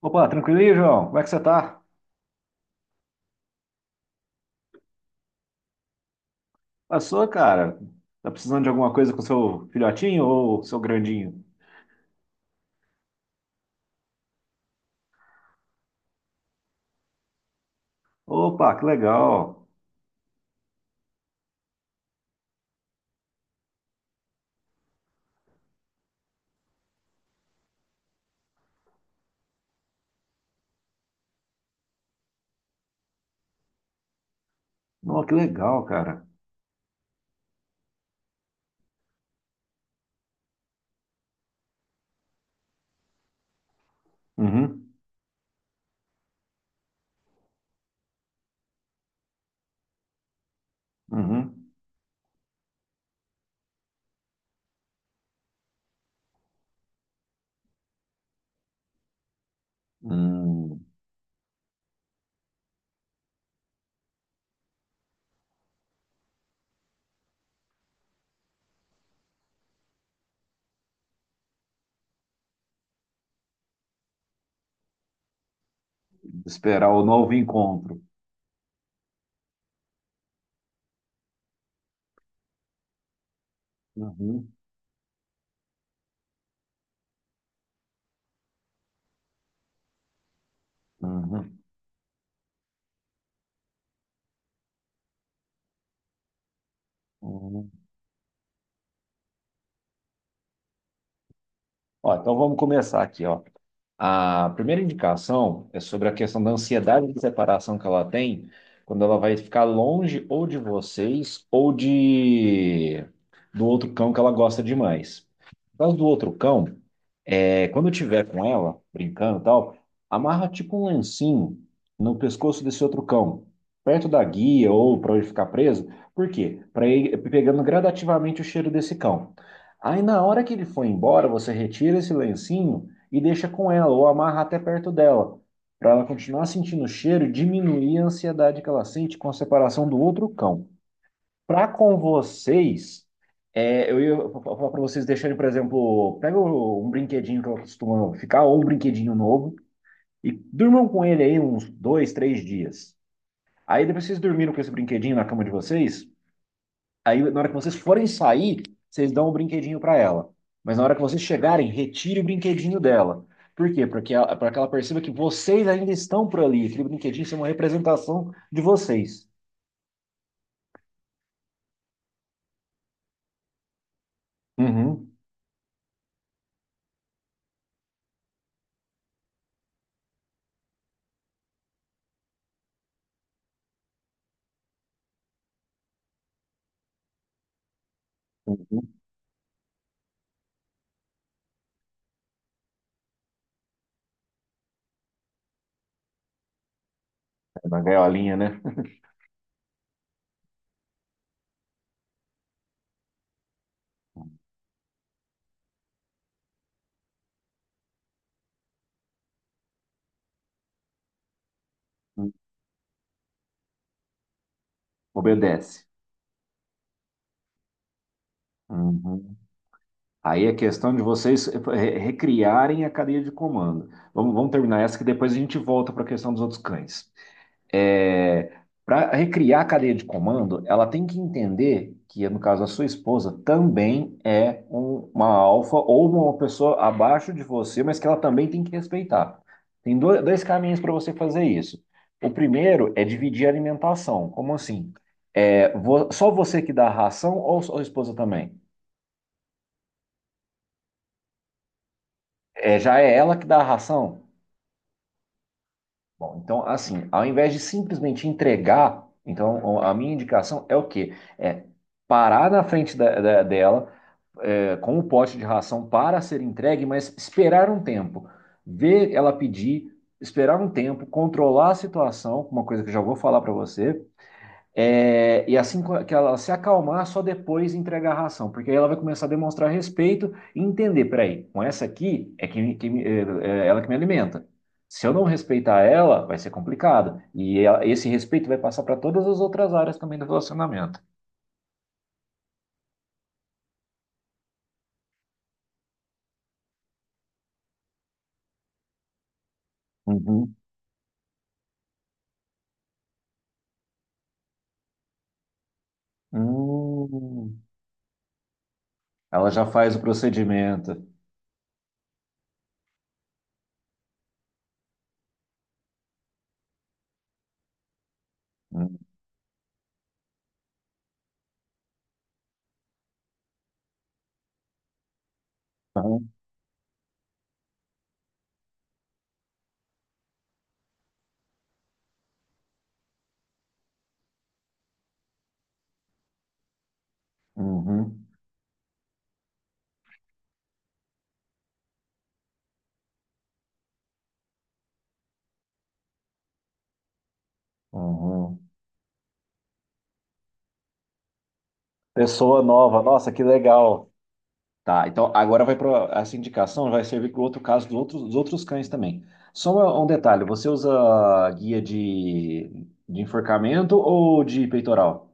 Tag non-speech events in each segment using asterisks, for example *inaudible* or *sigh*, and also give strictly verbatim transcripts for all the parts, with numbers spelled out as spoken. Opa, tranquilo aí, João? Como é que você tá? Passou, cara? Tá precisando de alguma coisa com seu filhotinho ou seu grandinho? Opa, que legal! Não, que legal, cara. Uhum, uhum. Hum, Esperar o novo encontro. Uhum, uhum, uhum. Ó, então vamos começar aqui, ó. A primeira indicação é sobre a questão da ansiedade de separação que ela tem quando ela vai ficar longe ou de vocês ou de do outro cão que ela gosta demais. Por causa do outro cão, é, quando eu tiver com ela, brincando e tal, amarra tipo um lencinho no pescoço desse outro cão, perto da guia ou para ele ficar preso. Por quê? Para ir pegando gradativamente o cheiro desse cão. Aí na hora que ele for embora, você retira esse lencinho e deixa com ela, ou amarra até perto dela, para ela continuar sentindo o cheiro e diminuir a ansiedade que ela sente com a separação do outro cão para com vocês. É, eu ia falar para vocês deixarem, por exemplo, pega um brinquedinho que eu costumo ficar, ou um brinquedinho novo, e durmam com ele aí uns dois, três dias. Aí depois vocês dormiram com esse brinquedinho na cama de vocês, aí na hora que vocês forem sair, vocês dão o brinquedinho para ela. Mas na hora que vocês chegarem, retire o brinquedinho dela. Por quê? Porque ela, para que ela perceba que vocês ainda estão por ali. Aquele brinquedinho é uma representação de vocês. Uhum. Uhum. É, na gaiolinha, né? Obedece. Uhum. Aí é questão de vocês re- recriarem a cadeia de comando. Vamos, vamos terminar essa que depois a gente volta para a questão dos outros cães. É, para recriar a cadeia de comando, ela tem que entender que, no caso, a sua esposa também é um- uma alfa ou uma pessoa abaixo de você, mas que ela também tem que respeitar. Tem do- dois caminhos para você fazer isso. O primeiro é dividir a alimentação. Como assim? É, vo- só você que dá a ração ou sua esposa também? É, já é ela que dá a ração. Bom, então, assim, ao invés de simplesmente entregar, então a minha indicação é o quê? É parar na frente da- da- dela, é, com o pote de ração para ser entregue, mas esperar um tempo, ver ela pedir, esperar um tempo, controlar a situação, uma coisa que eu já vou falar para você, é, e assim que ela se acalmar, só depois entregar a ração, porque aí ela vai começar a demonstrar respeito e entender, peraí, com essa aqui é que, que é é ela que me alimenta. Se eu não respeitar ela, vai ser complicado. E ela- esse respeito vai passar para todas as outras áreas também do relacionamento. Uhum. Hum. Ela já faz o procedimento. Uhum. Uhum. Uhum. Pessoa nova, nossa, que legal. Tá, então agora vai para essa indicação, vai servir para o outro caso dos outros, dos outros cães também. Só uma- um detalhe, você usa guia de, de enforcamento ou de peitoral?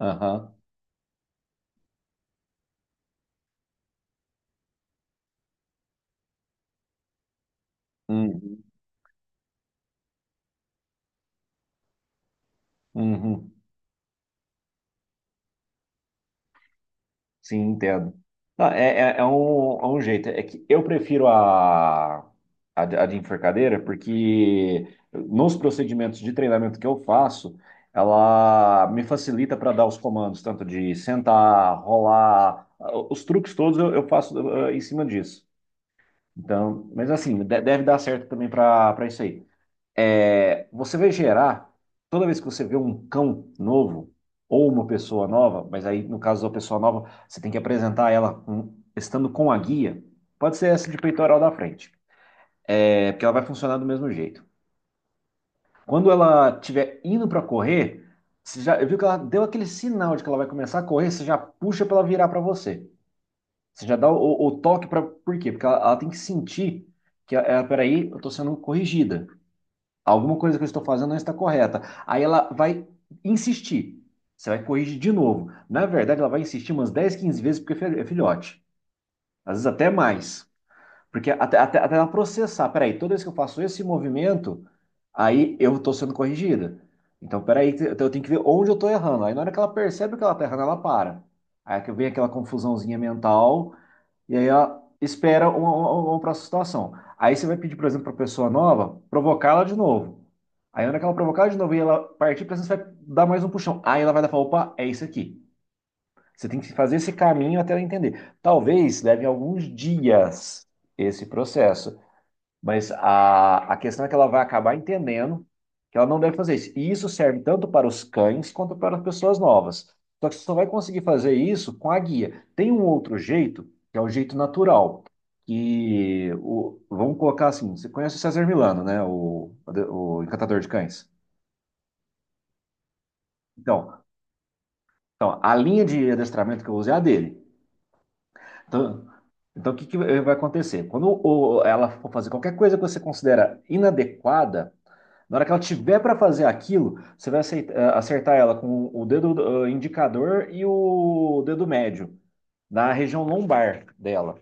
Aham. Uhum. Uhum. Sim, entendo. Não, é, é, é um, é um jeito. É que eu prefiro a, a, de a de enforcadeira, porque nos procedimentos de treinamento que eu faço, ela me facilita para dar os comandos, tanto de sentar, rolar, os truques todos eu, eu faço, eh, em cima disso. Então, mas assim, de- deve dar certo também para para isso aí. É, você vai gerar, toda vez que você vê um cão novo ou uma pessoa nova, mas aí no caso da pessoa nova, você tem que apresentar ela com- estando com a guia. Pode ser essa de peitoral da frente, é, porque ela vai funcionar do mesmo jeito. Quando ela estiver indo para correr, você já viu que ela deu aquele sinal de que ela vai começar a correr, você já puxa para ela virar para você. Você já dá o, o toque para. Por quê? Porque ela, ela tem que sentir que, ah, peraí, eu estou sendo corrigida. Alguma coisa que eu estou fazendo não está correta. Aí ela vai insistir. Você vai corrigir de novo. Na verdade, ela vai insistir umas dez, quinze vezes porque é é filhote. Às vezes até mais. Porque até, até, até ela processar. Peraí, toda vez que eu faço esse movimento, aí eu estou sendo corrigida. Então, peraí, te- eu tenho que ver onde eu estou errando. Aí na hora que ela percebe que ela está errando, ela para. Aí é que vem aquela confusãozinha mental e aí ela espera uma, uma, uma próxima situação. Aí você vai pedir, por exemplo, para a pessoa nova provocá-la de novo. Aí, na hora que ela provocar de novo e ela partir para você, vai dar mais um puxão. Aí ela vai dar e falar: opa, é isso aqui. Você tem que fazer esse caminho até ela entender. Talvez leve alguns dias esse processo, mas a, a questão é que ela vai acabar entendendo que ela não deve fazer isso. E isso serve tanto para os cães quanto para as pessoas novas. Só que você só vai conseguir fazer isso com a guia. Tem um outro jeito, que é o jeito natural. E o, vamos colocar assim: você conhece o César Milano, né? O, o encantador de cães. Então, então, a linha de adestramento que eu usei é a dele. Então, então, o que que vai acontecer? Quando o- ela for fazer qualquer coisa que você considera inadequada, na hora que ela tiver para fazer aquilo, você vai aceit- eh, acertar ela com o dedo, eh, indicador e o dedo médio, na região lombar dela.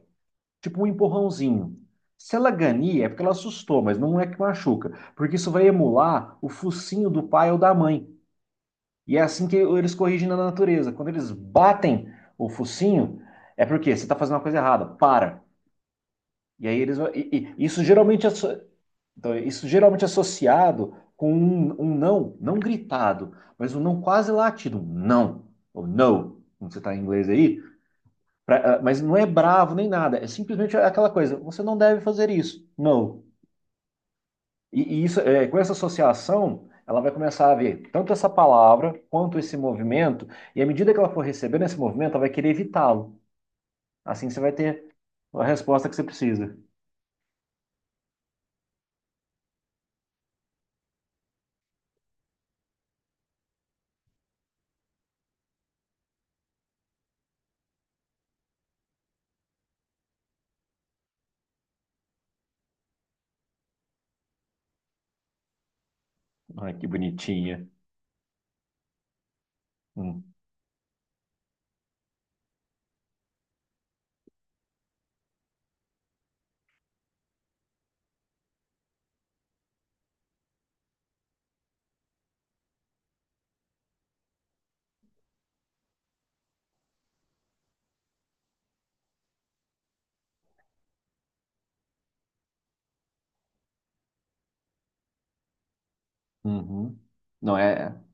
Tipo um empurrãozinho. Se ela ganhar, é porque ela assustou, mas não é que machuca. Porque isso vai emular o focinho do pai ou da mãe. E é assim que eles corrigem na natureza. Quando eles batem o focinho, é porque você está fazendo uma coisa errada. Para. E aí eles vão- e- e isso geralmente então, isso geralmente associado com um, um não, não gritado, mas um não quase latido, um não, ou no, como você está em inglês aí, pra- ah, mas não é bravo nem nada, é simplesmente aquela coisa, você não deve fazer isso, não. E, e isso, é, com essa associação, ela vai começar a ver tanto essa palavra quanto esse movimento, e à medida que ela for recebendo esse movimento, ela vai querer evitá-lo. Assim você vai ter a resposta que você precisa. Ai, que bonitinha. Hum. Uhum. Não é? É.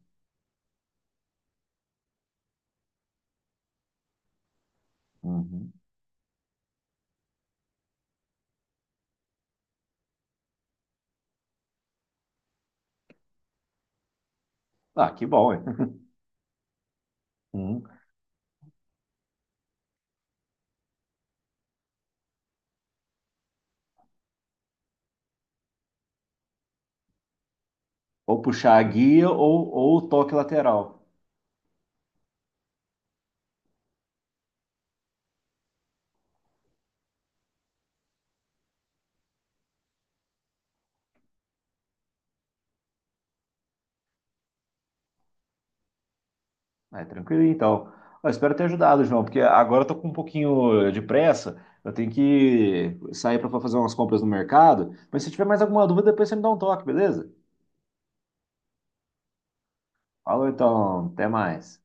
Uhum. Ah, que bom, hein? *laughs* Uhum. Ou puxar a guia ou, ou o toque lateral. É, tranquilo, então. Ó, espero ter ajudado, João, porque agora eu tô com um pouquinho de pressa. Eu tenho que sair para fazer umas compras no mercado. Mas se tiver mais alguma dúvida, depois você me dá um toque, beleza? Falou então, até mais.